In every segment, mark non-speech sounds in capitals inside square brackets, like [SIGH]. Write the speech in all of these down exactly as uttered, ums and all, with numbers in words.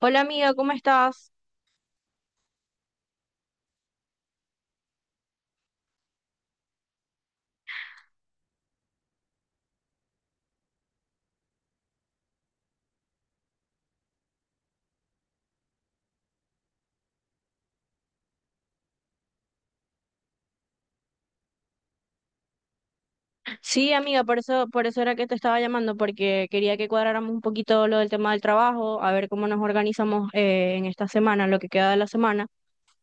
Hola amiga, ¿cómo estás? Sí, amiga, por eso, por eso era que te estaba llamando, porque quería que cuadráramos un poquito lo del tema del trabajo, a ver cómo nos organizamos eh, en esta semana, lo que queda de la semana,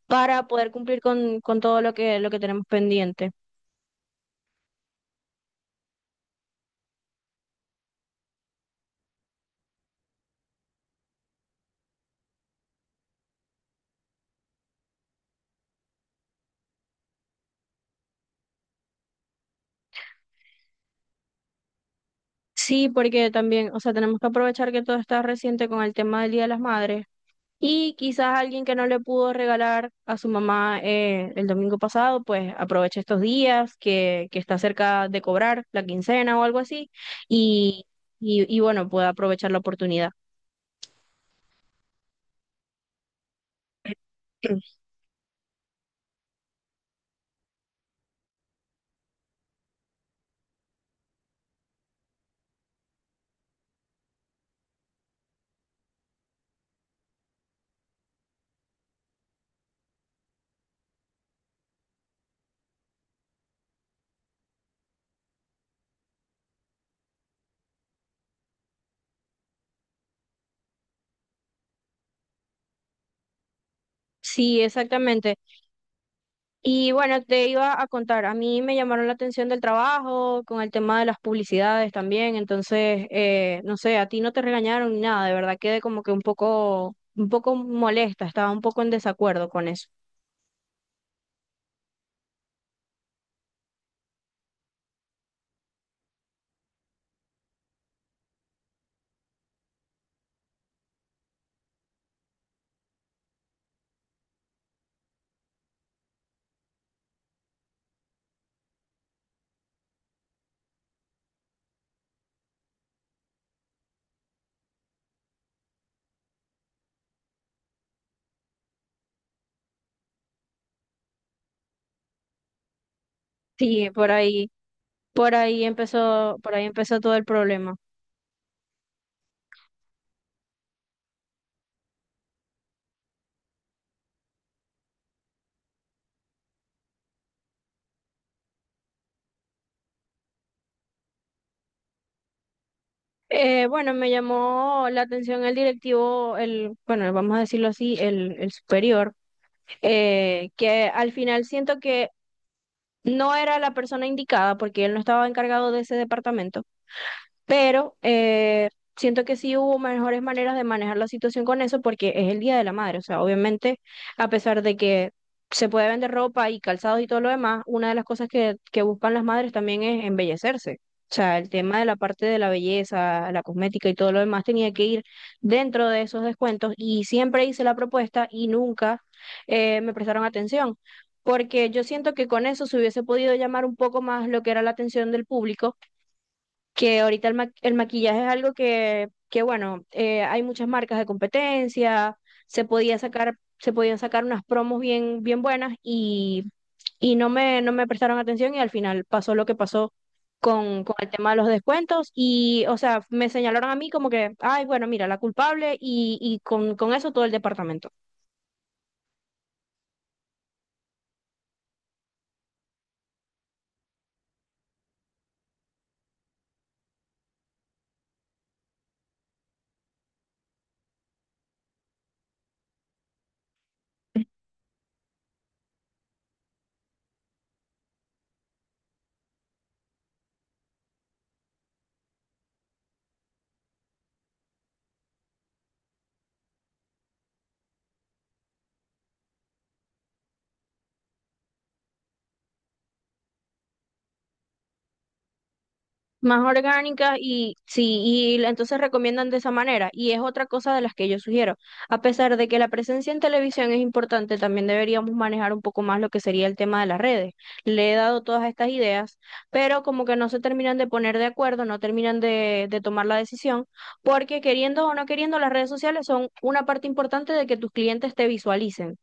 para poder cumplir con, con todo lo que, lo que tenemos pendiente. Sí, porque también, o sea, tenemos que aprovechar que todo está reciente con el tema del Día de las Madres. Y quizás alguien que no le pudo regalar a su mamá eh, el domingo pasado, pues aproveche estos días que, que está cerca de cobrar la quincena o algo así y, y, y bueno, pueda aprovechar la oportunidad. [CLEARS THROAT] Sí, exactamente. Y bueno, te iba a contar, a mí me llamaron la atención del trabajo, con el tema de las publicidades también, entonces, eh, no sé, a ti no te regañaron ni nada, de verdad quedé como que un poco, un poco molesta, estaba un poco en desacuerdo con eso. Sí, por ahí. Por ahí empezó, por ahí empezó todo el problema. Eh, bueno, me llamó la atención el directivo, el, bueno, vamos a decirlo así, el, el superior, eh, que al final siento que no era la persona indicada porque él no estaba encargado de ese departamento. Pero eh, siento que sí hubo mejores maneras de manejar la situación con eso porque es el Día de la Madre. O sea, obviamente, a pesar de que se puede vender ropa y calzados y todo lo demás, una de las cosas que, que buscan las madres también es embellecerse. O sea, el tema de la parte de la belleza, la cosmética y todo lo demás tenía que ir dentro de esos descuentos y siempre hice la propuesta y nunca eh, me prestaron atención, porque yo siento que con eso se hubiese podido llamar un poco más lo que era la atención del público, que ahorita el, ma- el maquillaje es algo que, que bueno, eh, hay muchas marcas de competencia, se podía sacar, se podían sacar unas promos bien, bien buenas y, y no me, no me prestaron atención y al final pasó lo que pasó con, con el tema de los descuentos y, o sea, me señalaron a mí como que, ay, bueno, mira, la culpable y, y con, con eso todo el departamento. Más orgánicas y sí, y la- entonces recomiendan de esa manera. Y es otra cosa de las que yo sugiero. A pesar de que la presencia en televisión es importante, también deberíamos manejar un poco más lo que sería el tema de las redes. Le he dado todas estas ideas, pero como que no se terminan de poner de acuerdo, no terminan de, de tomar la decisión, porque queriendo o no queriendo, las redes sociales son una parte importante de que tus clientes te visualicen.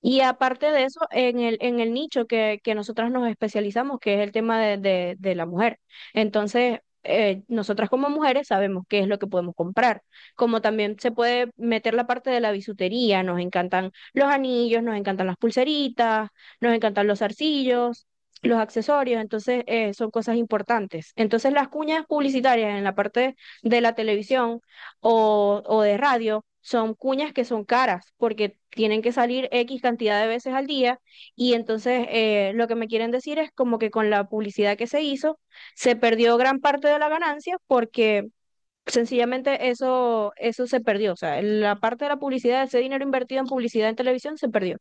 Y aparte de eso, en el, en el nicho que, que nosotras nos especializamos, que es el tema de, de, de la mujer. Entonces, eh, nosotras como mujeres sabemos qué es lo que podemos comprar. Como también se puede meter la parte de la bisutería, nos encantan los anillos, nos encantan las pulseritas, nos encantan los zarcillos, los accesorios, entonces eh, son cosas importantes. Entonces, las cuñas publicitarias en la parte de la televisión o, o de radio, son cuñas que son caras porque tienen que salir X cantidad de veces al día y entonces eh, lo que me quieren decir es como que con la publicidad que se hizo se perdió gran parte de la ganancia porque sencillamente eso, eso se perdió, o sea, la parte de la publicidad, ese dinero invertido en publicidad en televisión se perdió,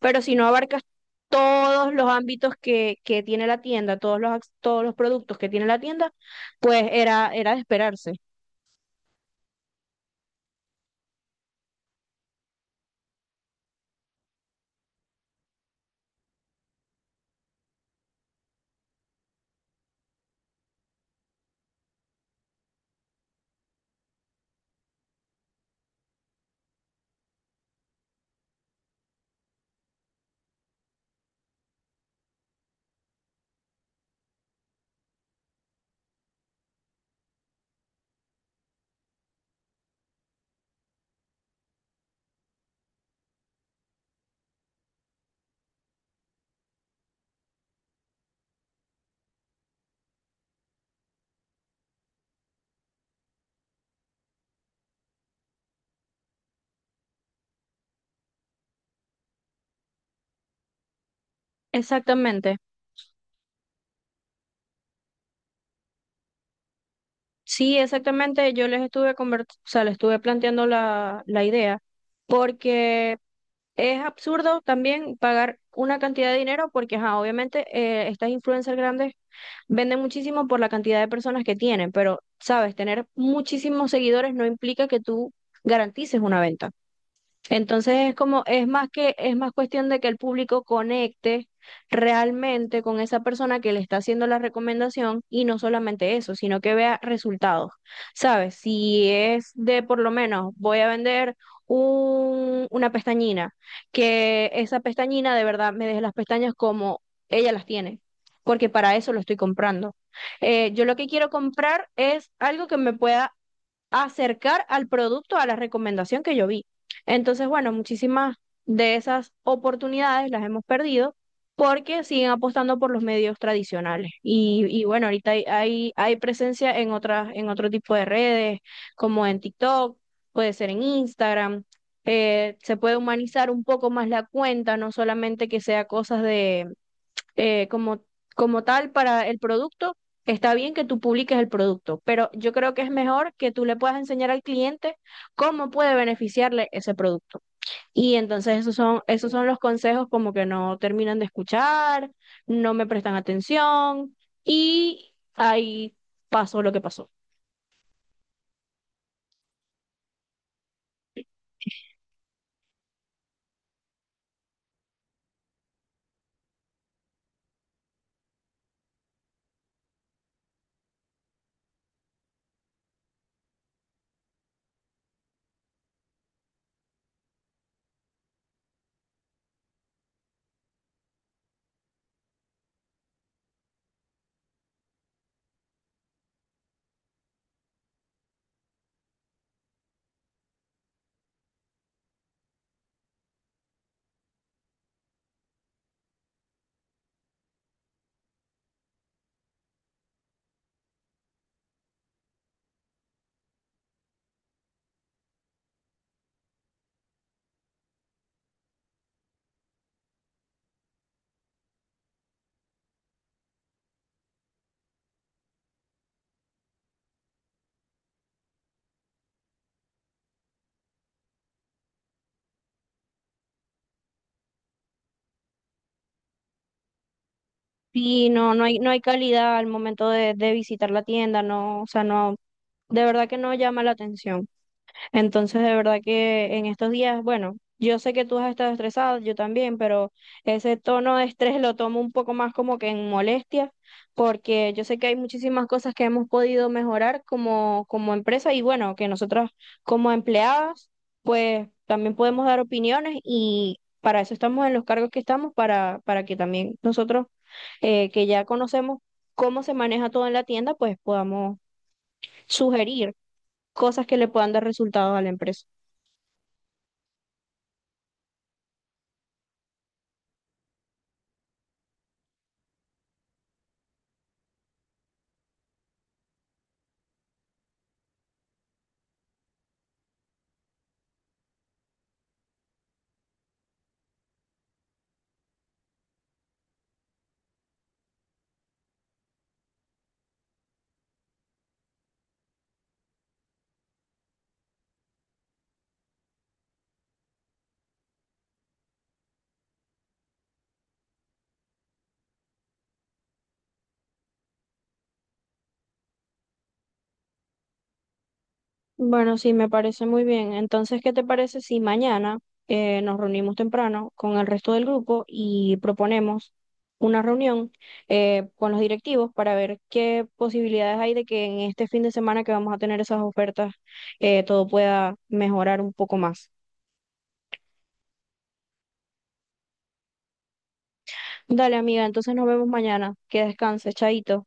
pero si no abarcas todos los ámbitos que, que tiene la tienda, todos los, ac- todos los productos que tiene la tienda, pues era, era de esperarse. Exactamente. Sí, exactamente. Yo les estuve conver- O sea, les estuve planteando la, la idea, porque es absurdo también pagar una cantidad de dinero, porque ajá, obviamente eh, estas influencers grandes venden muchísimo por la cantidad de personas que tienen, pero sabes, tener muchísimos seguidores no implica que tú garantices una venta. Entonces es como, es más que, es más cuestión de que el público conecte realmente con esa persona que le está haciendo la recomendación y no solamente eso, sino que vea resultados. ¿Sabes? Si es de por lo menos voy a vender un, una pestañina, que esa pestañina de verdad me deje las pestañas como ella las tiene, porque para eso lo estoy comprando. Eh, yo lo que quiero comprar es algo que me pueda acercar al producto a la recomendación que yo vi. Entonces, bueno, muchísimas de esas oportunidades las hemos perdido porque siguen apostando por los medios tradicionales. Y, y bueno, ahorita hay, hay, hay presencia en otras, en otro tipo de redes, como en TikTok, puede ser en Instagram. Eh, se puede humanizar un poco más la cuenta, no solamente que sea cosas de eh, como, como tal para el producto. Está bien que tú publiques el producto, pero yo creo que es mejor que tú le puedas enseñar al cliente cómo puede beneficiarle ese producto. Y entonces esos son, esos son los consejos como que no terminan de escuchar, no me prestan atención y ahí pasó lo que pasó. Y no, no hay, no hay calidad al momento de, de visitar la tienda, no, o sea, no, de verdad que no llama la atención. Entonces, de verdad que en estos días, bueno, yo sé que tú has estado estresado, yo también, pero ese tono de estrés lo tomo un poco más como que en molestia, porque yo sé que hay muchísimas cosas que hemos podido mejorar como, como empresa y bueno, que nosotros como empleadas, pues también podemos dar opiniones y para eso estamos en los cargos que estamos, para, para que también nosotros eh, que ya conocemos cómo se maneja todo en la tienda, pues podamos sugerir cosas que le puedan dar resultados a la empresa. Bueno, sí, me parece muy bien. Entonces, ¿qué te parece si mañana eh, nos reunimos temprano con el resto del grupo y proponemos una reunión eh, con los directivos para ver qué posibilidades hay de que en este fin de semana que vamos a tener esas ofertas eh, todo pueda mejorar un poco más? Dale, amiga, entonces nos vemos mañana. Que descanses, chaito.